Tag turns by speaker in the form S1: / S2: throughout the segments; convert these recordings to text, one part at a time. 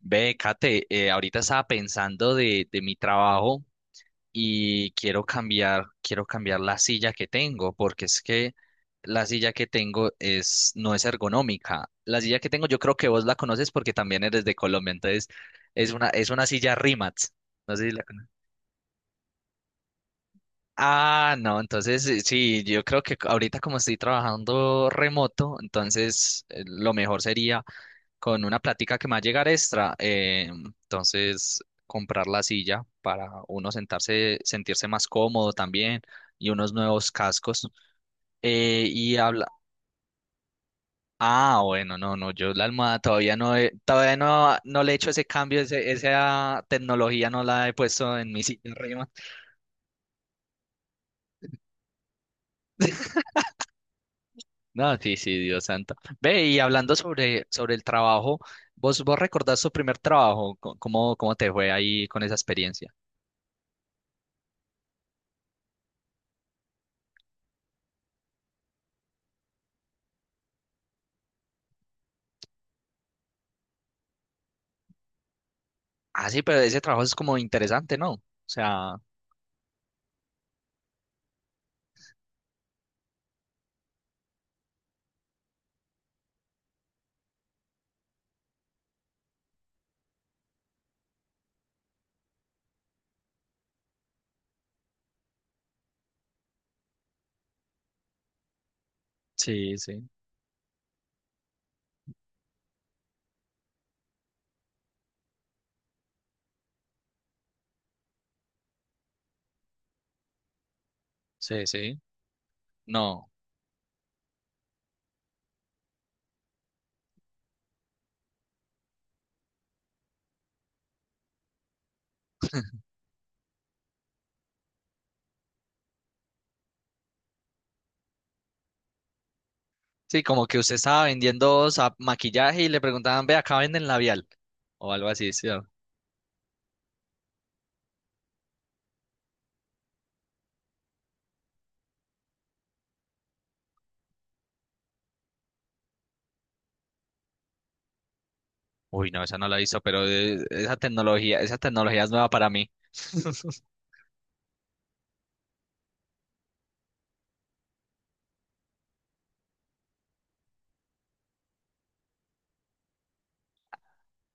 S1: Ve, Kate, ahorita estaba pensando de mi trabajo y quiero cambiar la silla que tengo, porque es que la silla que tengo no es ergonómica. La silla que tengo, yo creo que vos la conoces porque también eres de Colombia, entonces es una silla Rimax. No sé si la conoces. Ah, no, entonces sí, yo creo que ahorita como estoy trabajando remoto, entonces lo mejor sería con una plática que me va a llegar extra. Entonces, comprar la silla para uno sentarse, sentirse más cómodo también y unos nuevos cascos. Y habla. Ah, bueno, no, no, yo la almohada todavía no, no le he hecho ese cambio, esa tecnología no la he puesto en mi silla arriba. No, sí, sí, Dios santo. Ve, y hablando sobre el trabajo, ¿vos recordás tu primer trabajo? ¿Cómo te fue ahí con esa experiencia? Ah, sí, pero ese trabajo es como interesante, ¿no? O sea, sí, sí, sí, sí. No. Sí, como que usted estaba vendiendo maquillaje y le preguntaban, ve, ¿acá venden labial? ¿O algo así? ¿Sí? ¿No? Uy, no, esa no la hizo, pero esa tecnología es nueva para mí.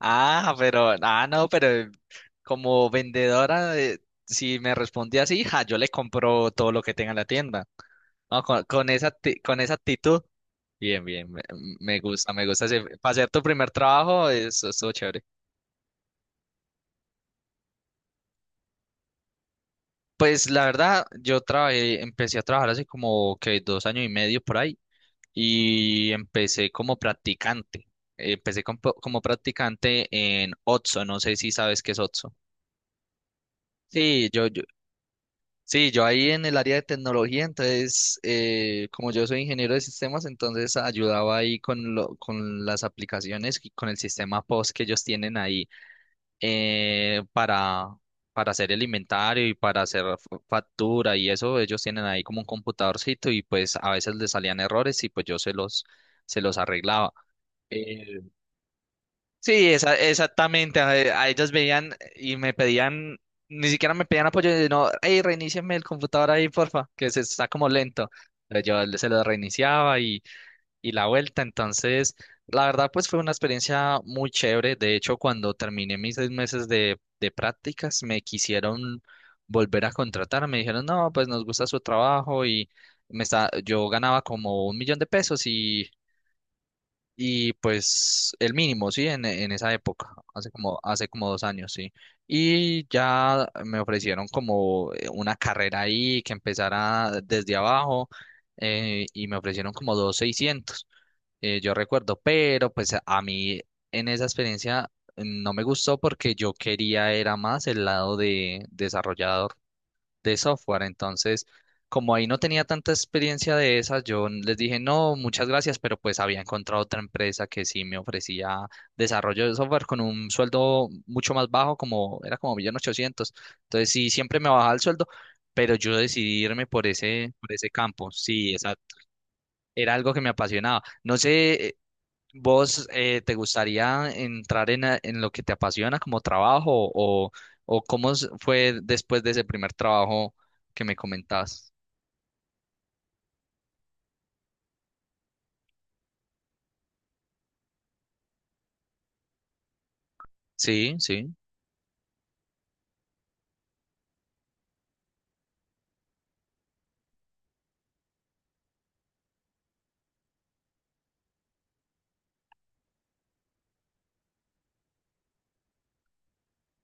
S1: Ah, pero, ah, no, pero como vendedora, si me respondía así, ja, yo le compro todo lo que tenga en la tienda. No, con esa actitud. Bien, bien, me gusta. Para hacer tu primer trabajo, eso estuvo chévere. Pues la verdad, empecé a trabajar hace como que 2 años y medio por ahí y empecé como practicante. Empecé como practicante en Otso, no sé si sabes qué es Otso. Sí, yo ahí en el área de tecnología, entonces, como yo soy ingeniero de sistemas, entonces ayudaba ahí con las aplicaciones y con el sistema POS que ellos tienen ahí eh, para, para hacer el inventario y para hacer factura y eso, ellos tienen ahí como un computadorcito y pues a veces les salían errores y pues se los arreglaba. Eh, sí, exactamente. A ellas veían y me pedían, ni siquiera me pedían apoyo, no, hey, reinícieme el computador ahí, porfa, que se está como lento. Entonces yo se lo reiniciaba y la vuelta. Entonces, la verdad, pues fue una experiencia muy chévere. De hecho, cuando terminé mis 6 meses de prácticas, me quisieron volver a contratar. Me dijeron, no, pues nos gusta su trabajo y yo ganaba como 1 millón de pesos y pues el mínimo, sí, en esa época, hace como 2 años, sí. Y ya me ofrecieron como una carrera ahí que empezara desde abajo, y me ofrecieron como 2.600.000, yo recuerdo, pero pues a mí en esa experiencia no me gustó porque yo quería era más el lado de desarrollador de software, entonces como ahí no tenía tanta experiencia de esas, yo les dije no, muchas gracias, pero pues había encontrado otra empresa que sí me ofrecía desarrollo de software con un sueldo mucho más bajo, como era como 1.800.000, entonces sí, siempre me bajaba el sueldo, pero yo decidí irme por ese campo, sí, esa, era algo que me apasionaba. No sé, ¿vos te gustaría entrar en lo que te apasiona como trabajo, o cómo fue después de ese primer trabajo que me comentabas? Sí, sí,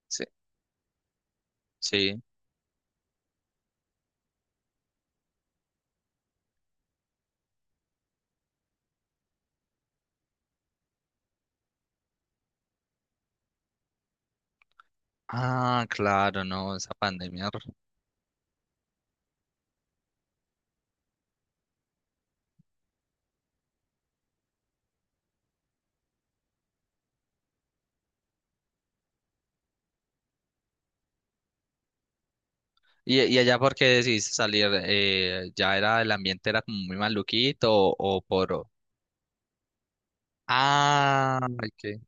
S1: sí, sí. Ah, claro, no, esa pandemia. Y allá por qué decidiste salir? ¿Ya era el ambiente era como muy maluquito, o por? Ah, ok,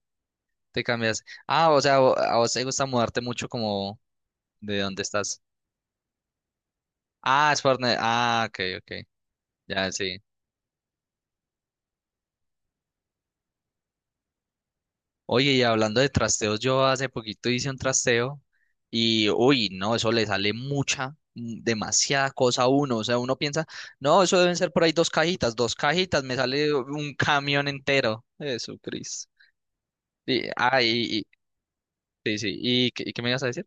S1: te cambias. Ah, o sea, a vos te gusta mudarte mucho como de dónde estás. Ah, es por. Ah, ok, ok, ya sí. Oye, y hablando de trasteos, yo hace poquito hice un trasteo y, uy, no, eso le sale mucha, demasiada cosa a uno. O sea, uno piensa, no, eso deben ser por ahí dos cajitas, me sale un camión entero. Eso, Cris. Y, ah, y, y- sí, sí, qué me ibas a decir?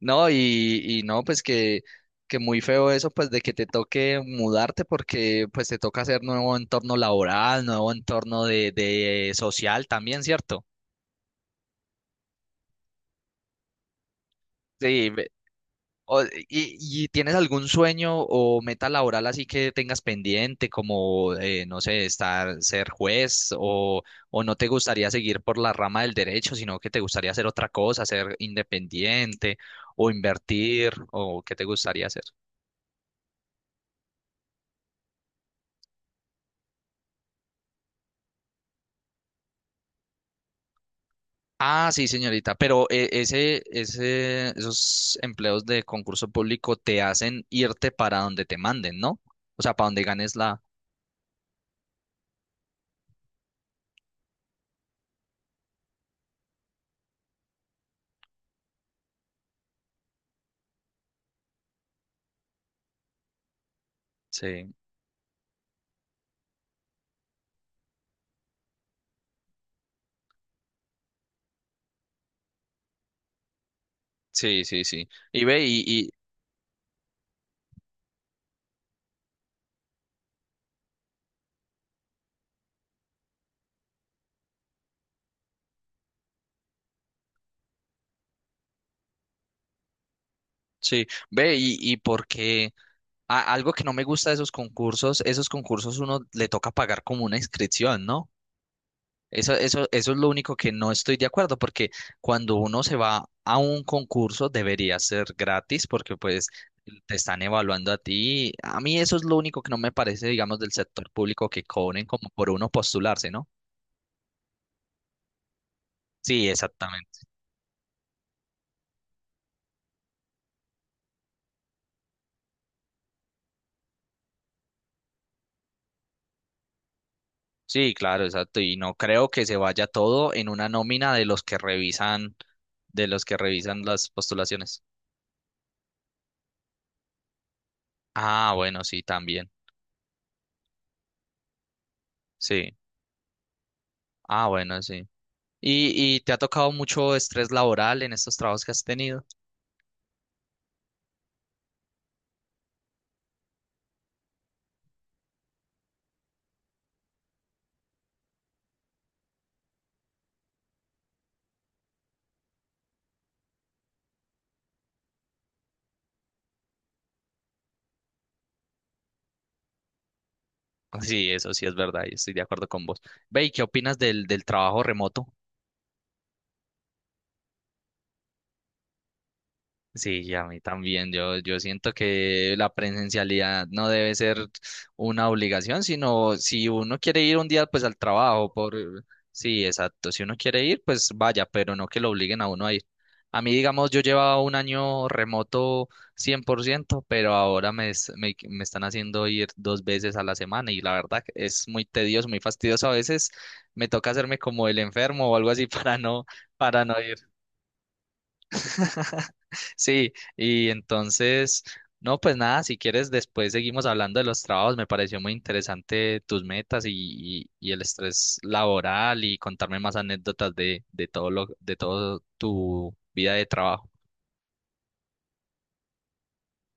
S1: No, y no, pues que muy feo eso, pues de que te toque mudarte porque pues te toca hacer nuevo entorno laboral, nuevo entorno de social también, ¿cierto? Sí, y tienes algún sueño o meta laboral así que tengas pendiente, como, no sé, estar, ser juez, o no te gustaría seguir por la rama del derecho, sino que te gustaría hacer otra cosa, ser independiente o invertir o qué te gustaría hacer? Ah, sí, señorita, pero esos empleos de concurso público te hacen irte para donde te manden, ¿no? O sea, para donde ganes la. Sí, sí, sí, sí. Y ve, sí, ve, y porque algo que no me gusta de esos concursos uno le toca pagar como una inscripción, ¿no? Eso es lo único que no estoy de acuerdo, porque cuando uno se va a un concurso debería ser gratis, porque pues te están evaluando a ti. A mí eso es lo único que no me parece, digamos, del sector público, que cobren como por uno postularse, ¿no? Sí, exactamente. Sí, claro, exacto. Y no creo que se vaya todo en una nómina de los que revisan, las postulaciones. Ah, bueno, sí, también. Sí. Ah, bueno, sí. Y te ha tocado mucho estrés laboral en estos trabajos que has tenido? Sí, eso sí es verdad, y estoy de acuerdo con vos. Ve, ¿y qué opinas del trabajo remoto? Sí, y a mí también. Yo siento que la presencialidad no debe ser una obligación, sino si uno quiere ir un día, pues al trabajo, por. Sí, exacto. Si uno quiere ir, pues vaya, pero no que lo obliguen a uno a ir. A mí, digamos, yo llevaba un año remoto 100%, pero ahora me están haciendo ir 2 veces a la semana y la verdad que es muy tedioso, muy fastidioso. A veces me toca hacerme como el enfermo o algo así para no ir. Sí, y entonces, no, pues nada, si quieres, después seguimos hablando de los trabajos. Me pareció muy interesante tus metas y, y el estrés laboral y contarme más anécdotas de todo tu vida de trabajo.